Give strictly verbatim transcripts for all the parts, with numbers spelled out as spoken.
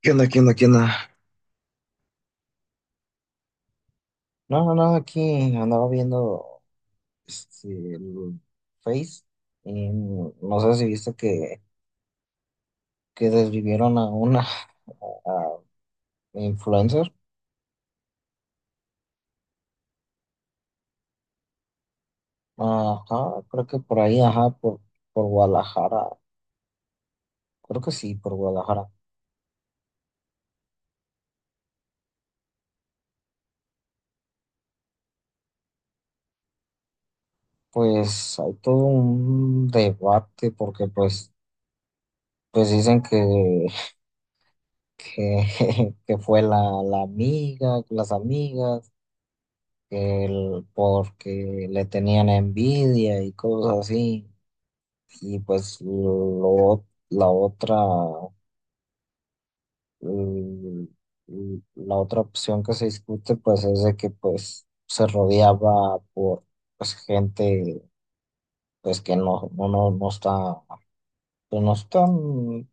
¿Qué onda? ¿Qué onda? ¿Qué onda? No, no, no, aquí andaba viendo este, el Face, y no sé si viste que, que desvivieron a una a- influencer. Ajá, creo que por ahí, ajá, por, por Guadalajara. Creo que sí, por Guadalajara. Pues hay todo un debate porque pues, pues dicen que, que, que fue la, la amiga, las amigas. El- porque le tenían envidia y cosas así. Y pues lo, la otra, mm, la otra opción que se discute pues es de que pues se rodeaba por, pues, gente pues que no, no, no, no está, pues, no están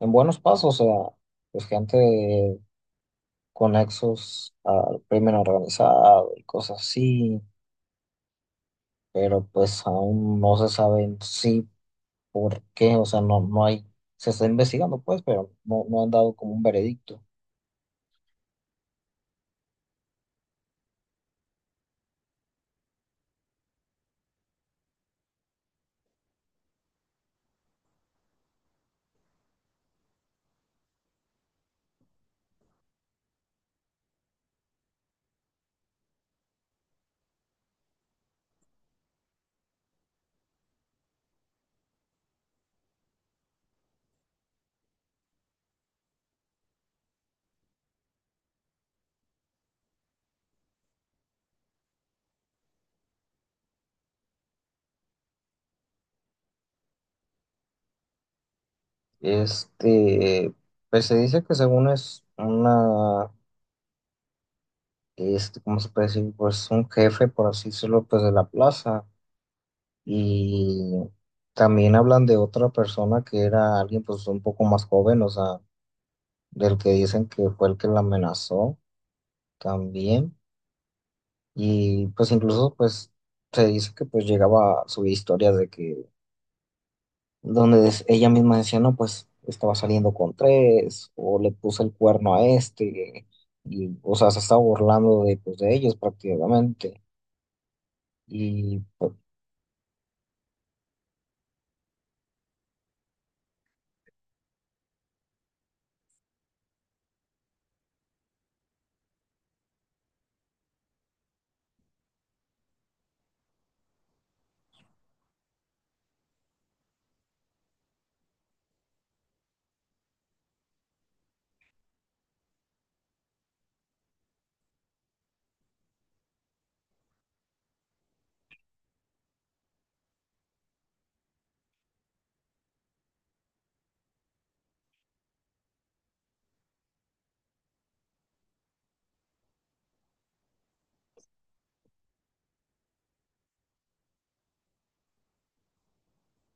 en buenos pasos. O sea, pues gente con nexos al crimen organizado y cosas así, pero pues aún no se saben si por qué. O sea, no, no hay, se está investigando, pues, pero no, no han dado como un veredicto. Este, pues se dice que según es una, este, ¿cómo se puede decir? Pues un jefe, por así decirlo, pues de la plaza. Y también hablan de otra persona que era alguien pues un poco más joven. O sea, del que dicen que fue el que la amenazó también. Y pues, incluso, pues se dice que pues llegaba a subir historias de que, donde des- ella misma decía: "No, pues estaba saliendo con tres", o "le puse el cuerno a este", y, o sea, se estaba burlando de, pues, de ellos prácticamente. Y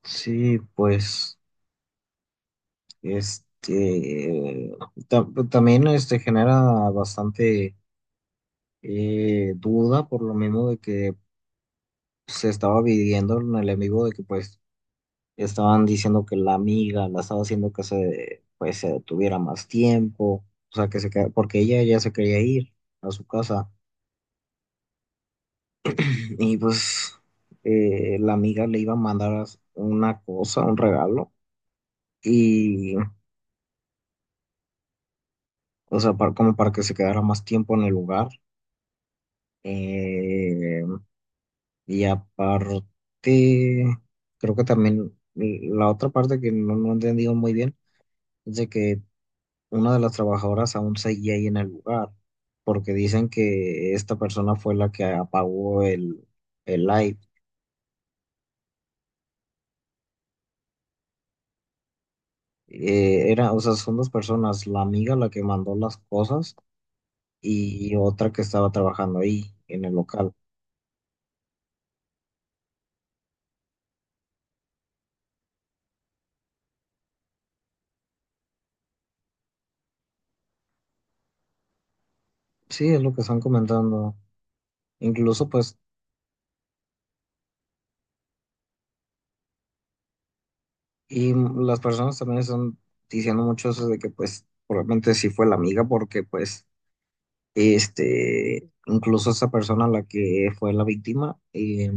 sí, pues, este, ta- también este, genera bastante eh, duda, por lo mismo de que se estaba viviendo el enemigo de que, pues, estaban diciendo que la amiga la estaba haciendo que se, pues, se detuviera más tiempo. O sea, que se queda, porque ella ya se quería ir a su casa. Y pues, eh, la amiga le iba a mandar as- una cosa, un regalo, y, o sea, para- como para que se quedara más tiempo en el lugar. Eh, y aparte, creo que también, mm, la otra parte que no, no he entendido muy bien es de que una de las trabajadoras aún seguía ahí en el lugar, porque dicen que esta persona fue la que apagó el, el live. Eh, era, o sea, son dos personas: la amiga, la que mandó las cosas, y otra que estaba trabajando ahí en el local. Sí, es lo que están comentando. Incluso, pues, y las personas también están diciendo mucho eso de que, pues, probablemente sí fue la amiga, porque, pues, Este, incluso esa persona, la que fue la víctima, eh,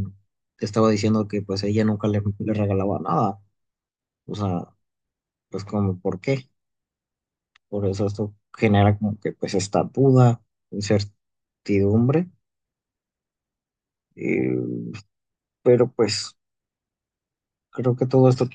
estaba diciendo que pues ella nunca le, le regalaba nada. O sea, pues, como, ¿por qué? Por eso esto genera como que pues esta duda, incertidumbre. eh, pero pues creo que todo esto,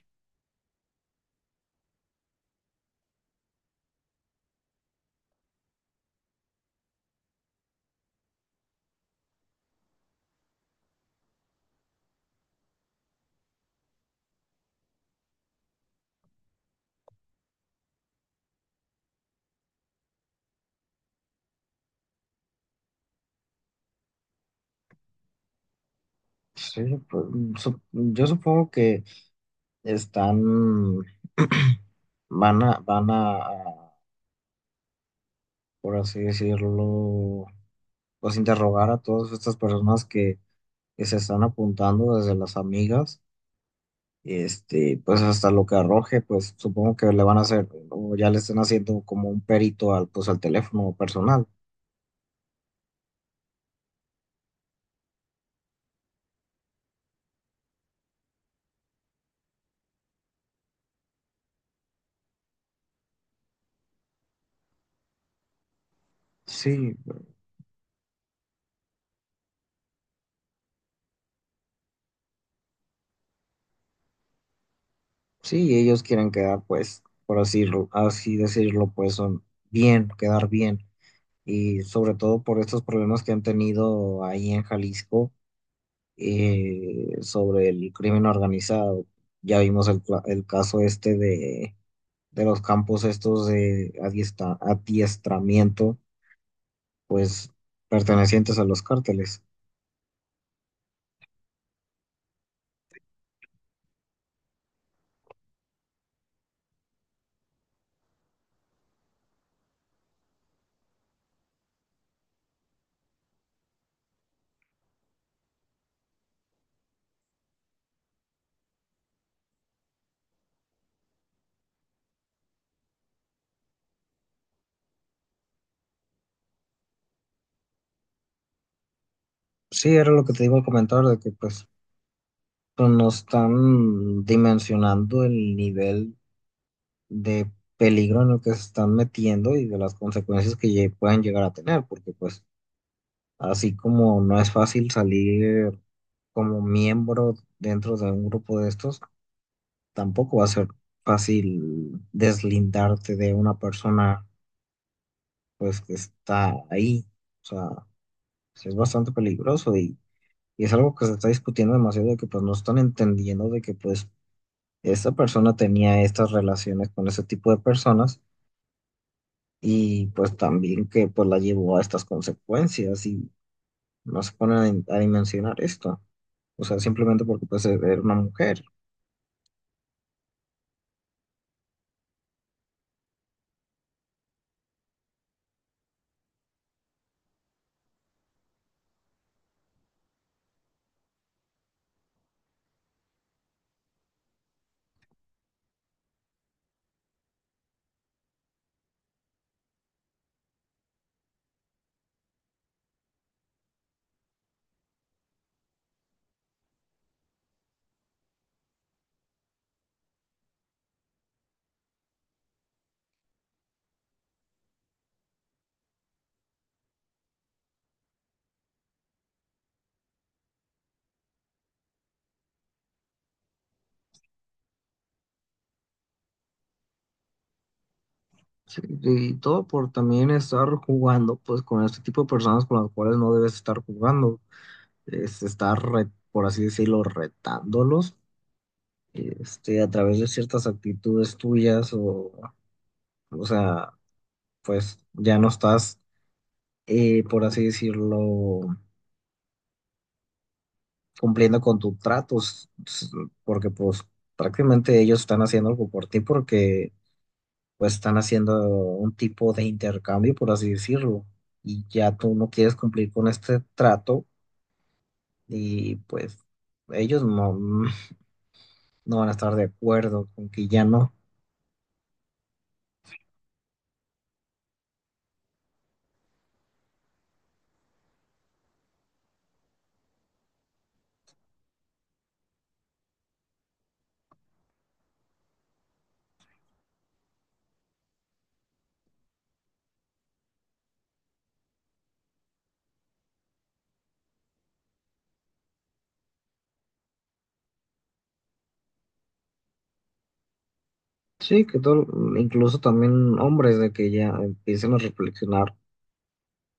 pues, sí, pues, sup- yo supongo que están, van a, van a, por así decirlo, pues interrogar a todas estas personas que, que se están apuntando, desde las amigas, este, pues hasta lo que arroje. Pues supongo que le van a hacer, o ya le están haciendo, como un perito al, pues al teléfono personal. Sí, sí, ellos quieren quedar, pues, por así, lo- así decirlo, pues son, bien, quedar bien. Y sobre todo por estos problemas que han tenido ahí en Jalisco, eh, sobre el crimen organizado. Ya vimos el, cla- el caso este de de los campos estos de adiestra- adiestramiento, pues, pertenecientes a los cárteles. Sí, era lo que te iba a comentar, de que pues no están dimensionando el nivel de peligro en el que se están metiendo, y de las consecuencias que lle- pueden llegar a tener, porque pues así como no es fácil salir como miembro dentro de un grupo de estos, tampoco va a ser fácil deslindarte de una persona, pues, que está ahí. O sea, sí es bastante peligroso, y, y es algo que se está discutiendo demasiado, de que pues no están entendiendo de que pues esta persona tenía estas relaciones con ese tipo de personas, y pues también que, pues, la llevó a estas consecuencias, y no se ponen a, a dimensionar esto. O sea, simplemente porque pues era una mujer. Sí, y todo por también estar jugando, pues, con este tipo de personas con las cuales no debes estar jugando. Es estar, re- por así decirlo, retándolos, este, a través de ciertas actitudes tuyas, o, o sea, pues ya no estás, eh, por así decirlo, cumpliendo con tus tratos, s- porque pues prácticamente ellos están haciendo algo por ti, porque pues están haciendo un tipo de intercambio, por así decirlo, y ya tú no quieres cumplir con este trato, y pues ellos no, no van a estar de acuerdo con que ya no. Sí, que todo, incluso también hombres, de que ya empiecen a reflexionar,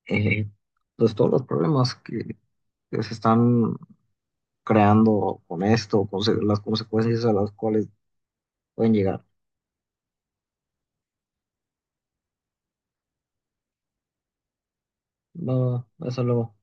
eh, pues todos los problemas que, que se están creando con esto, con se- las consecuencias a las cuales pueden llegar. Va, va, hasta luego.